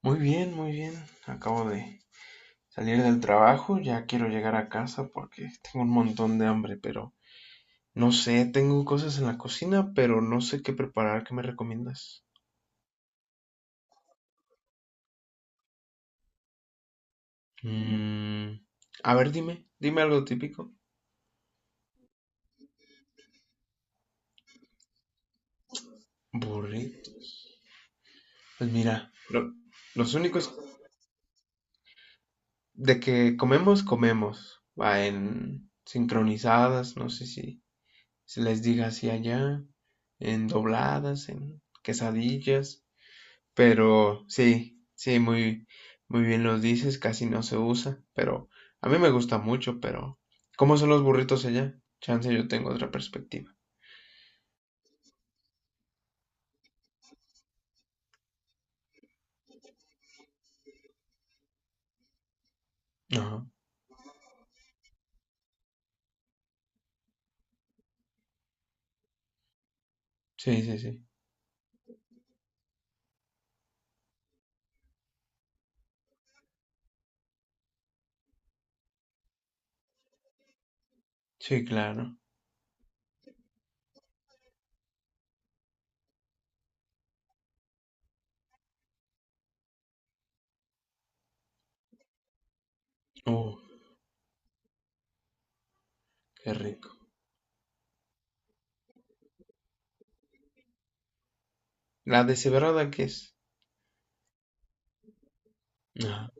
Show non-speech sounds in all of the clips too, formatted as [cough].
Muy bien, muy bien. Acabo de salir del trabajo, ya quiero llegar a casa porque tengo un montón de hambre, pero no sé, tengo cosas en la cocina, pero no sé qué preparar, ¿qué me recomiendas? Mm, a ver, dime algo típico. Burrito. Pues mira, los únicos de que comemos. Va en sincronizadas, no sé si se les diga así allá, en dobladas, en quesadillas. Pero sí, sí, muy, muy bien los dices, casi no se usa, pero a mí me gusta mucho, pero ¿cómo son los burritos allá? Chance, yo tengo otra perspectiva. Ajá, sí, sí, sí, sí, claro. Uh, qué rico. ¿La deshebrada qué es? Ajá.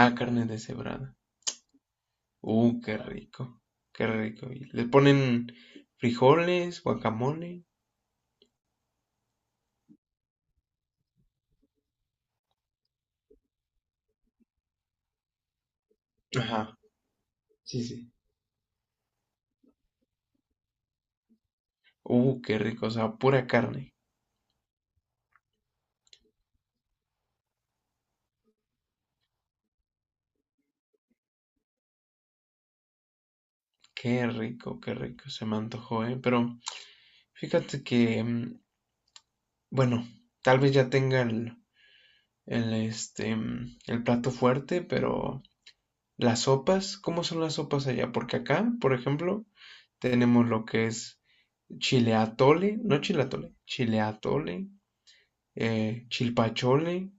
Ah, carne deshebrada. Qué rico, qué rico. ¿Y le ponen frijoles, guacamole? Ajá, sí, sí. Qué rico, o sea, pura carne. Qué rico, se me antojó, ¿eh? Pero… Fíjate que, bueno, tal vez ya tenga el plato fuerte, pero las sopas, ¿cómo son las sopas allá? Porque acá, por ejemplo, tenemos lo que es chile atole, no chile atole, chile atole, chilpachole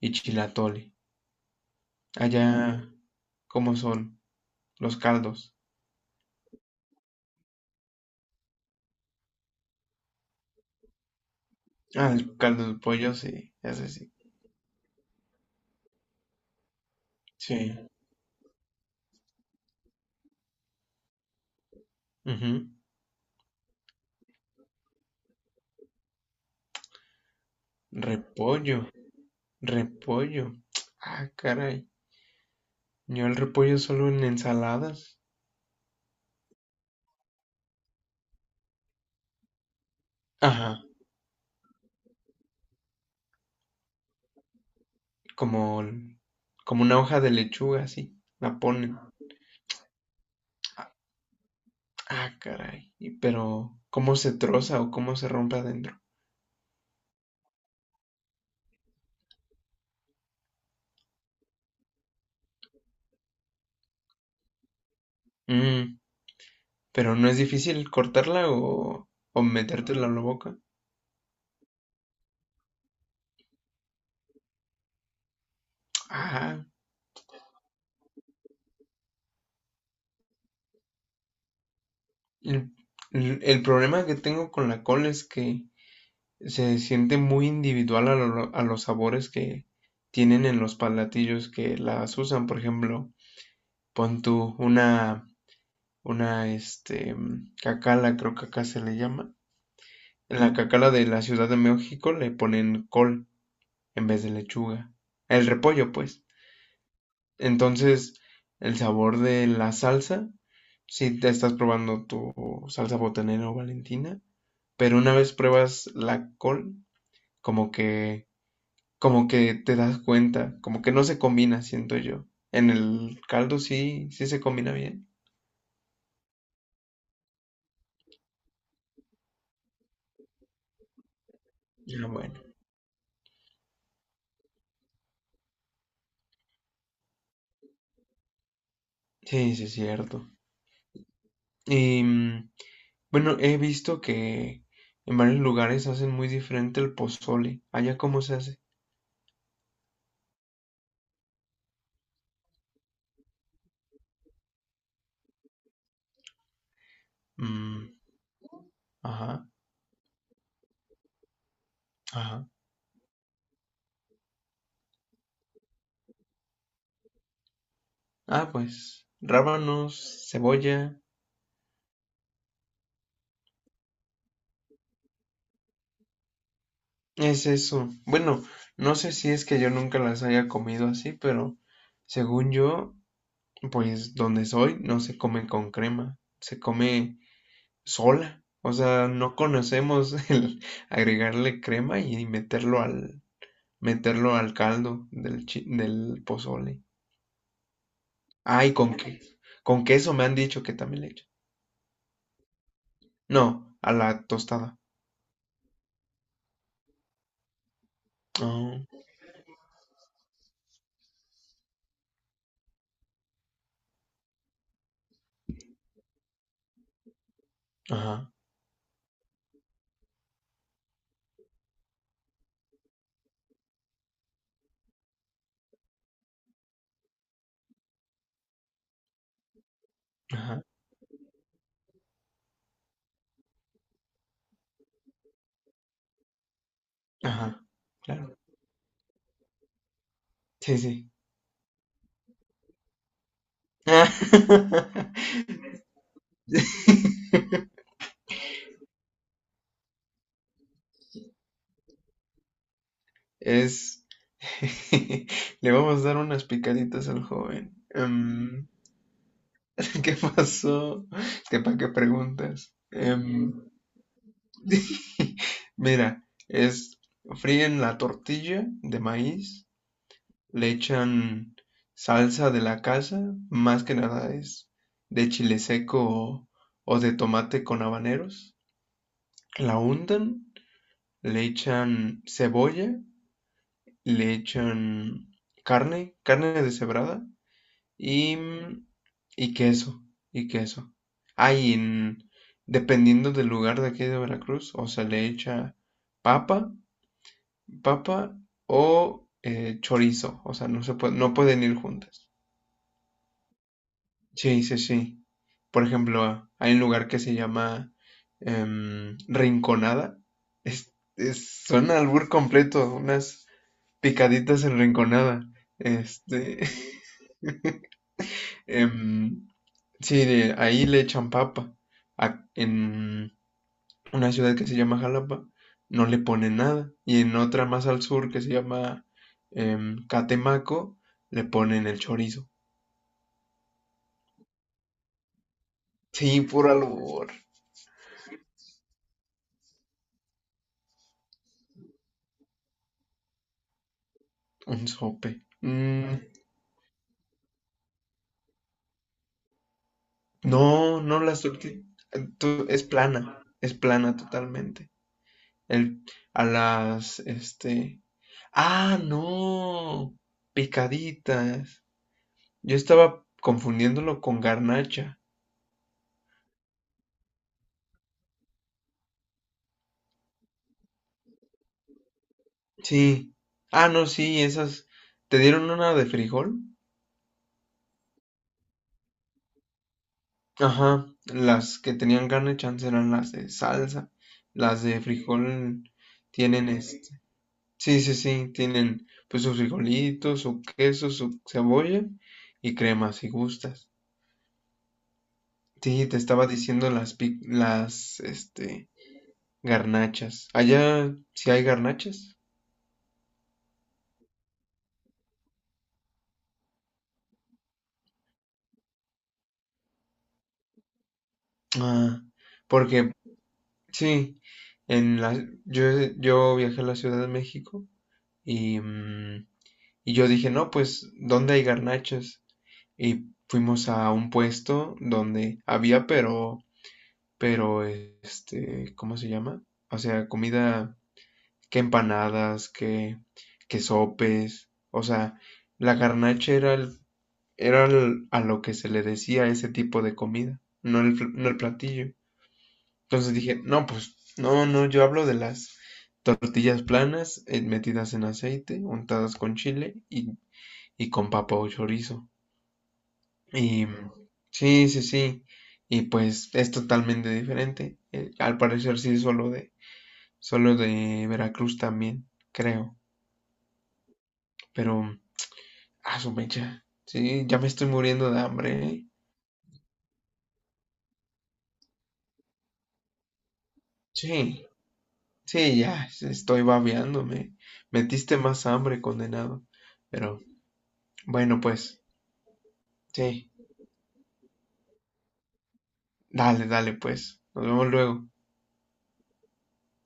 y chilatole. Mm. Allá, ¿cómo son los caldos? Ah, el caldo de pollo, sí, ese sí. Sí. Ujú. Repollo, repollo. Ah, caray. Yo el repollo solo en ensaladas. Ajá, como, como una hoja de lechuga, así. La ponen. Ah, caray. Pero, ¿cómo se troza o cómo se rompe adentro? Mm, pero no es difícil cortarla o metértela en la boca. Ajá. El, el problema que tengo con la col es que se siente muy individual a, a los sabores que tienen en los palatillos que las usan. Por ejemplo, pon tú una cacala, creo que acá se le llama. En la cacala de la Ciudad de México le ponen col en vez de lechuga. El repollo, pues. Entonces, el sabor de la salsa, si te estás probando tu salsa botanera o valentina, pero una vez pruebas la col, como que, como que te das cuenta, como que no se combina, siento yo. En el caldo sí, sí se combina bien. Ah, bueno. Sí, sí es cierto. Y bueno, he visto que en varios lugares hacen muy diferente el pozole. ¿Allá cómo se hace? Mm, ajá, ajá. Ah, pues, rábanos, cebolla. Es eso. Bueno, no sé si es que yo nunca las haya comido así, pero según yo, pues donde soy no se come con crema, se come sola. O sea, no conocemos [laughs] el agregarle crema y meterlo al caldo del pozole. Ay, con que, con queso me han dicho que también le echan. No, a la tostada. Oh, ajá, ajá, ajá. Claro. Sí, sí. [laughs] Es. [laughs] Le vamos a dar unas picaditas al joven. [laughs] ¿Qué pasó? ¿Qué para qué preguntas? [laughs] Mira, es fríen la tortilla de maíz le echan salsa de la casa, más que nada es de chile seco o de tomate con habaneros. La untan, le echan cebolla, le echan carne, carne deshebrada y, y queso, y queso. Ah, y en- dependiendo del lugar de aquí de Veracruz, o se le echa papa, papa o chorizo, o sea, no se puede, no pueden ir juntas. Sí, sí, sí. Por ejemplo, hay un lugar que se llama Rinconada. Es un albur completo, unas picaditas en Rinconada. Este, [laughs] em, sí, de ahí le echan papa. En una ciudad que se llama Jalapa no le ponen nada. Y en otra más al sur que se llama Catemaco le ponen el chorizo. Sí, puro albur. Un sope. Mm, no, no, la surti es plana totalmente. El, a las, este… Ah, no, picaditas. Yo estaba confundiéndolo con garnacha. Sí. Ah, no, sí, esas… ¿Te dieron una de frijol? Ajá, las que tenían carne chance eran las de salsa. Las de frijol tienen es… Sí, sí, sí, tienen pues sus frijolitos, su queso, su cebolla y crema si gustas. Sí, te estaba diciendo las garnachas. Allá sí hay garnachas. Ah, porque sí, en la yo yo viajé a la Ciudad de México y y yo dije, "No, pues ¿dónde hay garnachas?" Y fuimos a un puesto donde había, pero, este, ¿cómo se llama? O sea, comida, que empanadas, que sopes. O sea, la garnacha era, era a lo que se le decía ese tipo de comida, no el platillo. Entonces dije, no, pues, no, no, yo hablo de las tortillas planas, metidas en aceite, untadas con chile y con papa o chorizo. Y sí, sí, sí. Y pues es totalmente diferente. Al parecer sí es solo de, solo de Veracruz también, creo. Pero, a su mecha. Sí, ya me estoy muriendo de hambre, ¿eh? Sí, sí, ya sí, estoy babeándome. Metiste más hambre, condenado. Pero, bueno, pues, sí. Dale, dale, pues. Nos vemos luego.